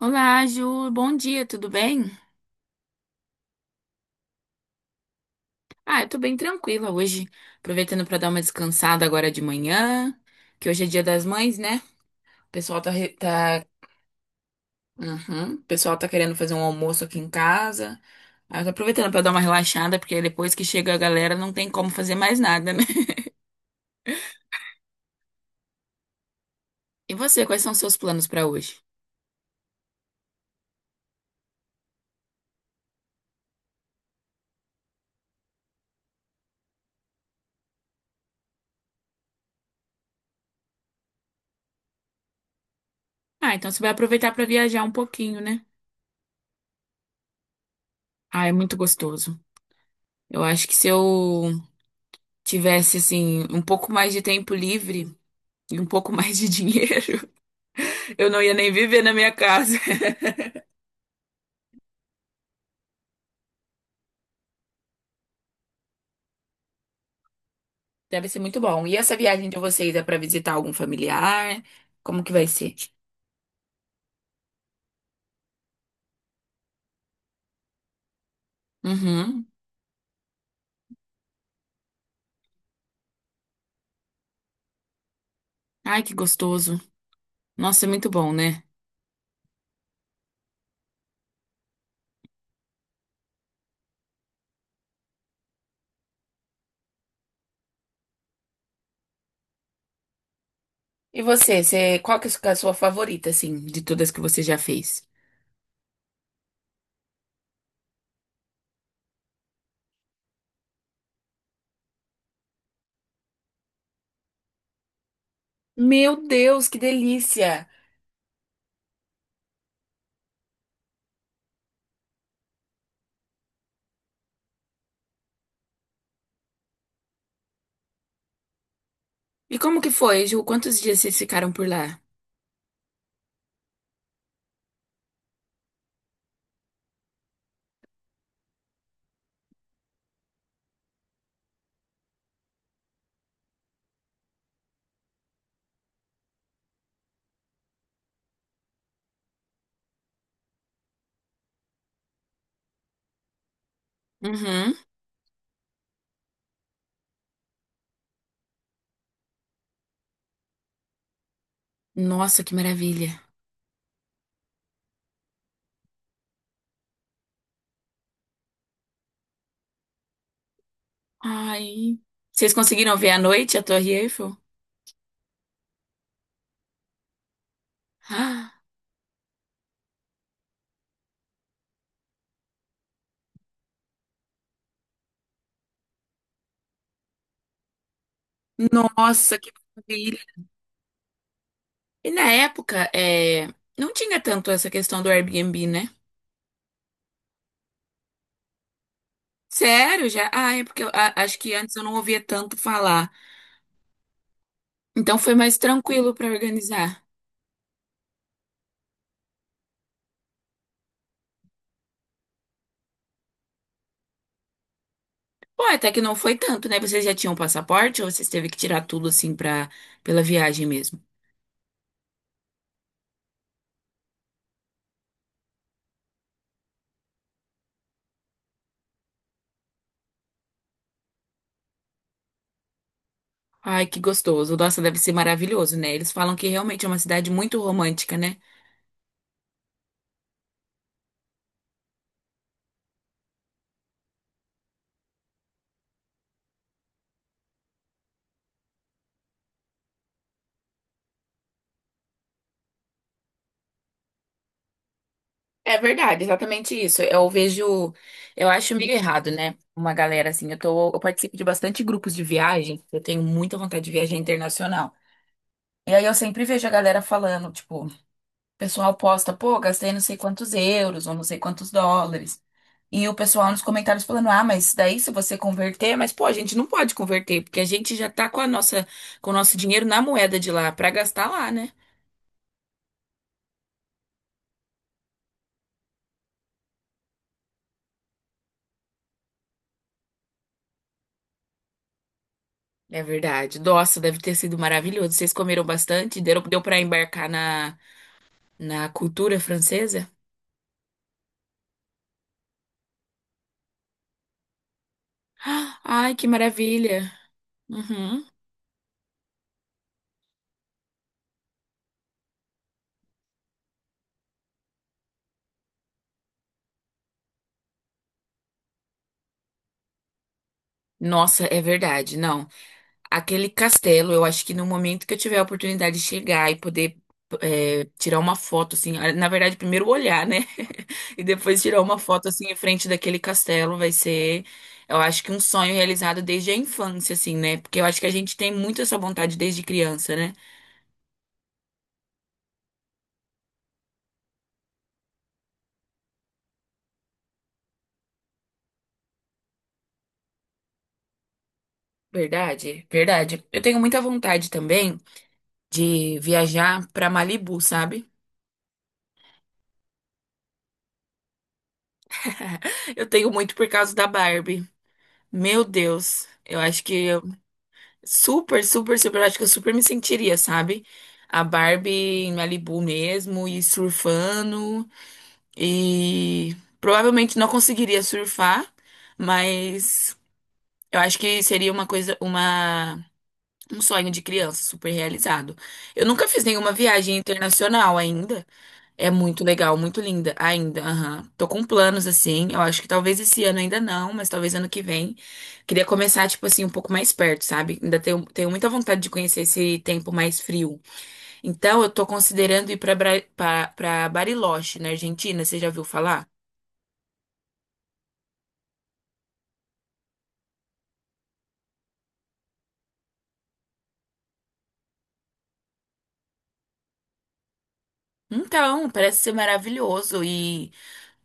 Olá, Ju. Bom dia, tudo bem? Ah, eu tô bem tranquila hoje. Aproveitando pra dar uma descansada agora de manhã, que hoje é dia das mães, né? O pessoal tá, tá. Uhum. O pessoal tá querendo fazer um almoço aqui em casa. Ah, eu tô aproveitando pra dar uma relaxada, porque depois que chega a galera não tem como fazer mais nada, né? E você, quais são os seus planos pra hoje? Ah, então você vai aproveitar pra viajar um pouquinho, né? Ah, é muito gostoso. Eu acho que se eu tivesse, assim, um pouco mais de tempo livre e um pouco mais de dinheiro. Eu não ia nem viver na minha casa. Deve ser muito bom. E essa viagem de vocês é para visitar algum familiar? Como que vai ser? Uhum. Ai, que gostoso. Nossa, é muito bom, né? E você, você, qual que é a sua favorita, assim, de todas que você já fez? Meu Deus, que delícia! E como que foi, Ju? Quantos dias vocês ficaram por lá? Uhum. Nossa, que maravilha. Ai, vocês conseguiram ver à noite a Torre Eiffel? Ah, nossa, que E na época, é, não tinha tanto essa questão do Airbnb, né? Sério, já? Ah, é porque eu acho que antes eu não ouvia tanto falar. Então foi mais tranquilo pra organizar. Pô, até que não foi tanto, né? Vocês já tinham passaporte ou vocês teve que tirar tudo assim pra, pela viagem mesmo? Ai, que gostoso. Nossa, deve ser maravilhoso, né? Eles falam que realmente é uma cidade muito romântica, né? É verdade, exatamente isso. Eu vejo, eu acho meio errado, né? Uma galera assim, eu tô, eu participo de bastante grupos de viagem, eu tenho muita vontade de viajar internacional. E aí eu sempre vejo a galera falando, tipo, o pessoal posta, pô, gastei não sei quantos euros ou não sei quantos dólares. E o pessoal nos comentários falando, ah, mas daí se você converter, mas pô, a gente não pode converter, porque a gente já tá com a nossa, com o nosso dinheiro na moeda de lá, pra gastar lá, né? É verdade. Nossa, deve ter sido maravilhoso. Vocês comeram bastante? Deu, deu para embarcar na, na cultura francesa? Ah, ai, que maravilha. Uhum. Nossa, é verdade. Não, aquele castelo, eu acho que no momento que eu tiver a oportunidade de chegar e poder é, tirar uma foto, assim, ah, na verdade, primeiro olhar, né? E depois tirar uma foto, assim, em frente daquele castelo, vai ser, eu acho que um sonho realizado desde a infância, assim, né? Porque eu acho que a gente tem muito essa vontade desde criança, né? Verdade, verdade. Eu tenho muita vontade também de viajar pra Malibu, sabe? Eu tenho muito por causa da Barbie. Meu Deus, eu acho que eu super, super, super, eu acho que eu super me sentiria, sabe? A Barbie em Malibu mesmo e surfando e provavelmente não conseguiria surfar, mas eu acho que seria uma coisa, uma um sonho de criança super realizado. Eu nunca fiz nenhuma viagem internacional ainda. É muito legal, muito linda ainda. Aham. Tô com planos assim. Eu acho que talvez esse ano ainda não, mas talvez ano que vem. Queria começar, tipo assim, um pouco mais perto, sabe? Ainda tenho, tenho muita vontade de conhecer esse tempo mais frio. Então, eu tô considerando ir pra, pra Bariloche, na Argentina. Você já ouviu falar? Então, parece ser maravilhoso.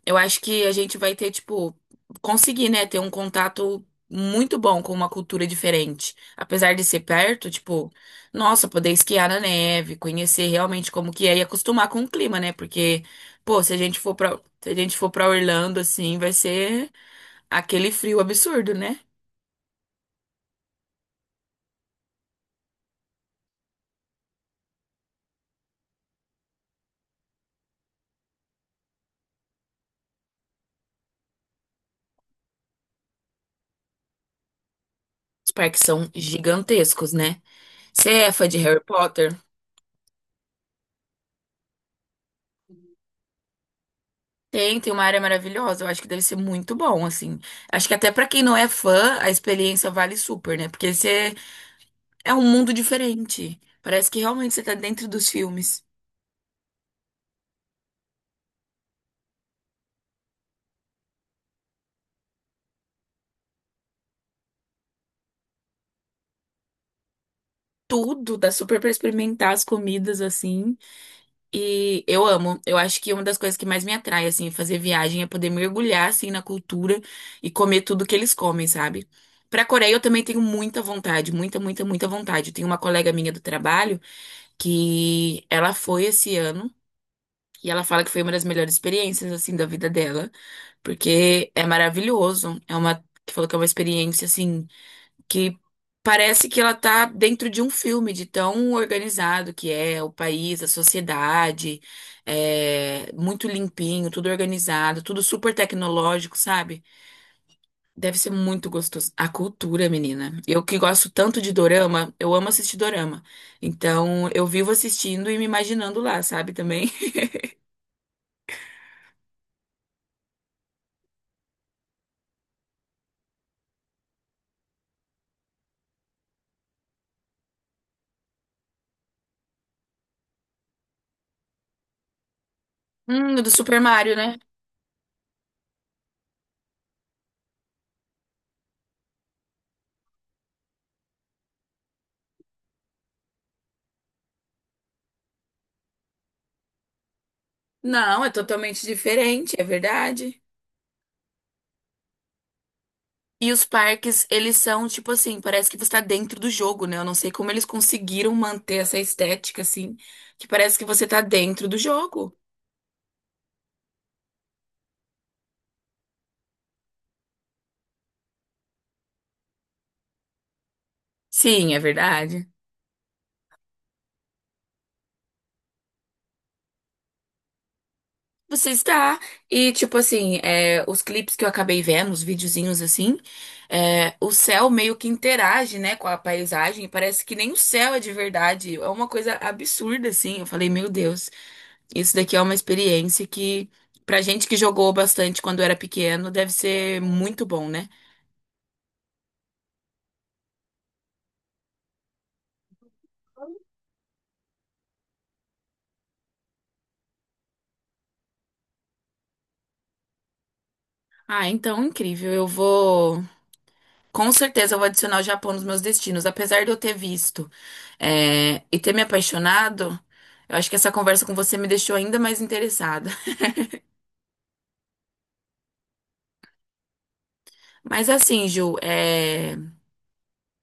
Eu acho que a gente vai ter, tipo, conseguir, né, ter um contato muito bom com uma cultura diferente. Apesar de ser perto, tipo, nossa, poder esquiar na neve, conhecer realmente como que é e acostumar com o clima, né? Porque, pô, se a gente for pra, se a gente for pra Orlando, assim, vai ser aquele frio absurdo, né? Os parques são gigantescos, né? Você é fã de Harry Potter? Tem, tem uma área maravilhosa. Eu acho que deve ser muito bom, assim. Acho que até pra quem não é fã, a experiência vale super, né? Porque você é um mundo diferente. Parece que realmente você tá dentro dos filmes. Tudo dá super pra experimentar as comidas assim. E eu amo. Eu acho que uma das coisas que mais me atrai assim, fazer viagem é poder mergulhar assim na cultura e comer tudo que eles comem, sabe? Pra Coreia eu também tenho muita vontade, muita, muita, muita vontade. Eu tenho uma colega minha do trabalho que ela foi esse ano e ela fala que foi uma das melhores experiências assim da vida dela, porque é maravilhoso. É uma que falou que é uma experiência assim que parece que ela tá dentro de um filme, de tão organizado que é o país, a sociedade, é muito limpinho, tudo organizado, tudo super tecnológico, sabe? Deve ser muito gostoso. A cultura, menina. Eu que gosto tanto de dorama, eu amo assistir dorama. Então, eu vivo assistindo e me imaginando lá, sabe, também. Do Super Mario, né? Não, é totalmente diferente, é verdade. E os parques, eles são tipo assim, parece que você tá dentro do jogo, né? Eu não sei como eles conseguiram manter essa estética assim, que parece que você tá dentro do jogo. Sim, é verdade. Você está. E tipo assim, é, os clipes que eu acabei vendo, os videozinhos assim, é, o céu meio que interage, né, com a paisagem. E parece que nem o céu é de verdade. É uma coisa absurda, assim. Eu falei, meu Deus, isso daqui é uma experiência que, pra gente que jogou bastante quando era pequeno, deve ser muito bom, né? Ah, então incrível. Eu vou. Com certeza eu vou adicionar o Japão nos meus destinos. Apesar de eu ter visto, é, e ter me apaixonado, eu acho que essa conversa com você me deixou ainda mais interessada. Mas assim, Ju, é,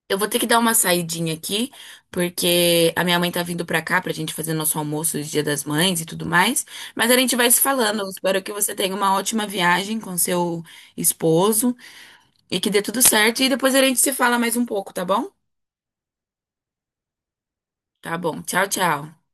eu vou ter que dar uma saidinha aqui, porque a minha mãe tá vindo pra cá pra gente fazer nosso almoço de Dia das Mães e tudo mais. Mas a gente vai se falando. Eu espero que você tenha uma ótima viagem com seu esposo e que dê tudo certo. E depois a gente se fala mais um pouco, tá bom? Tá bom. Tchau, tchau.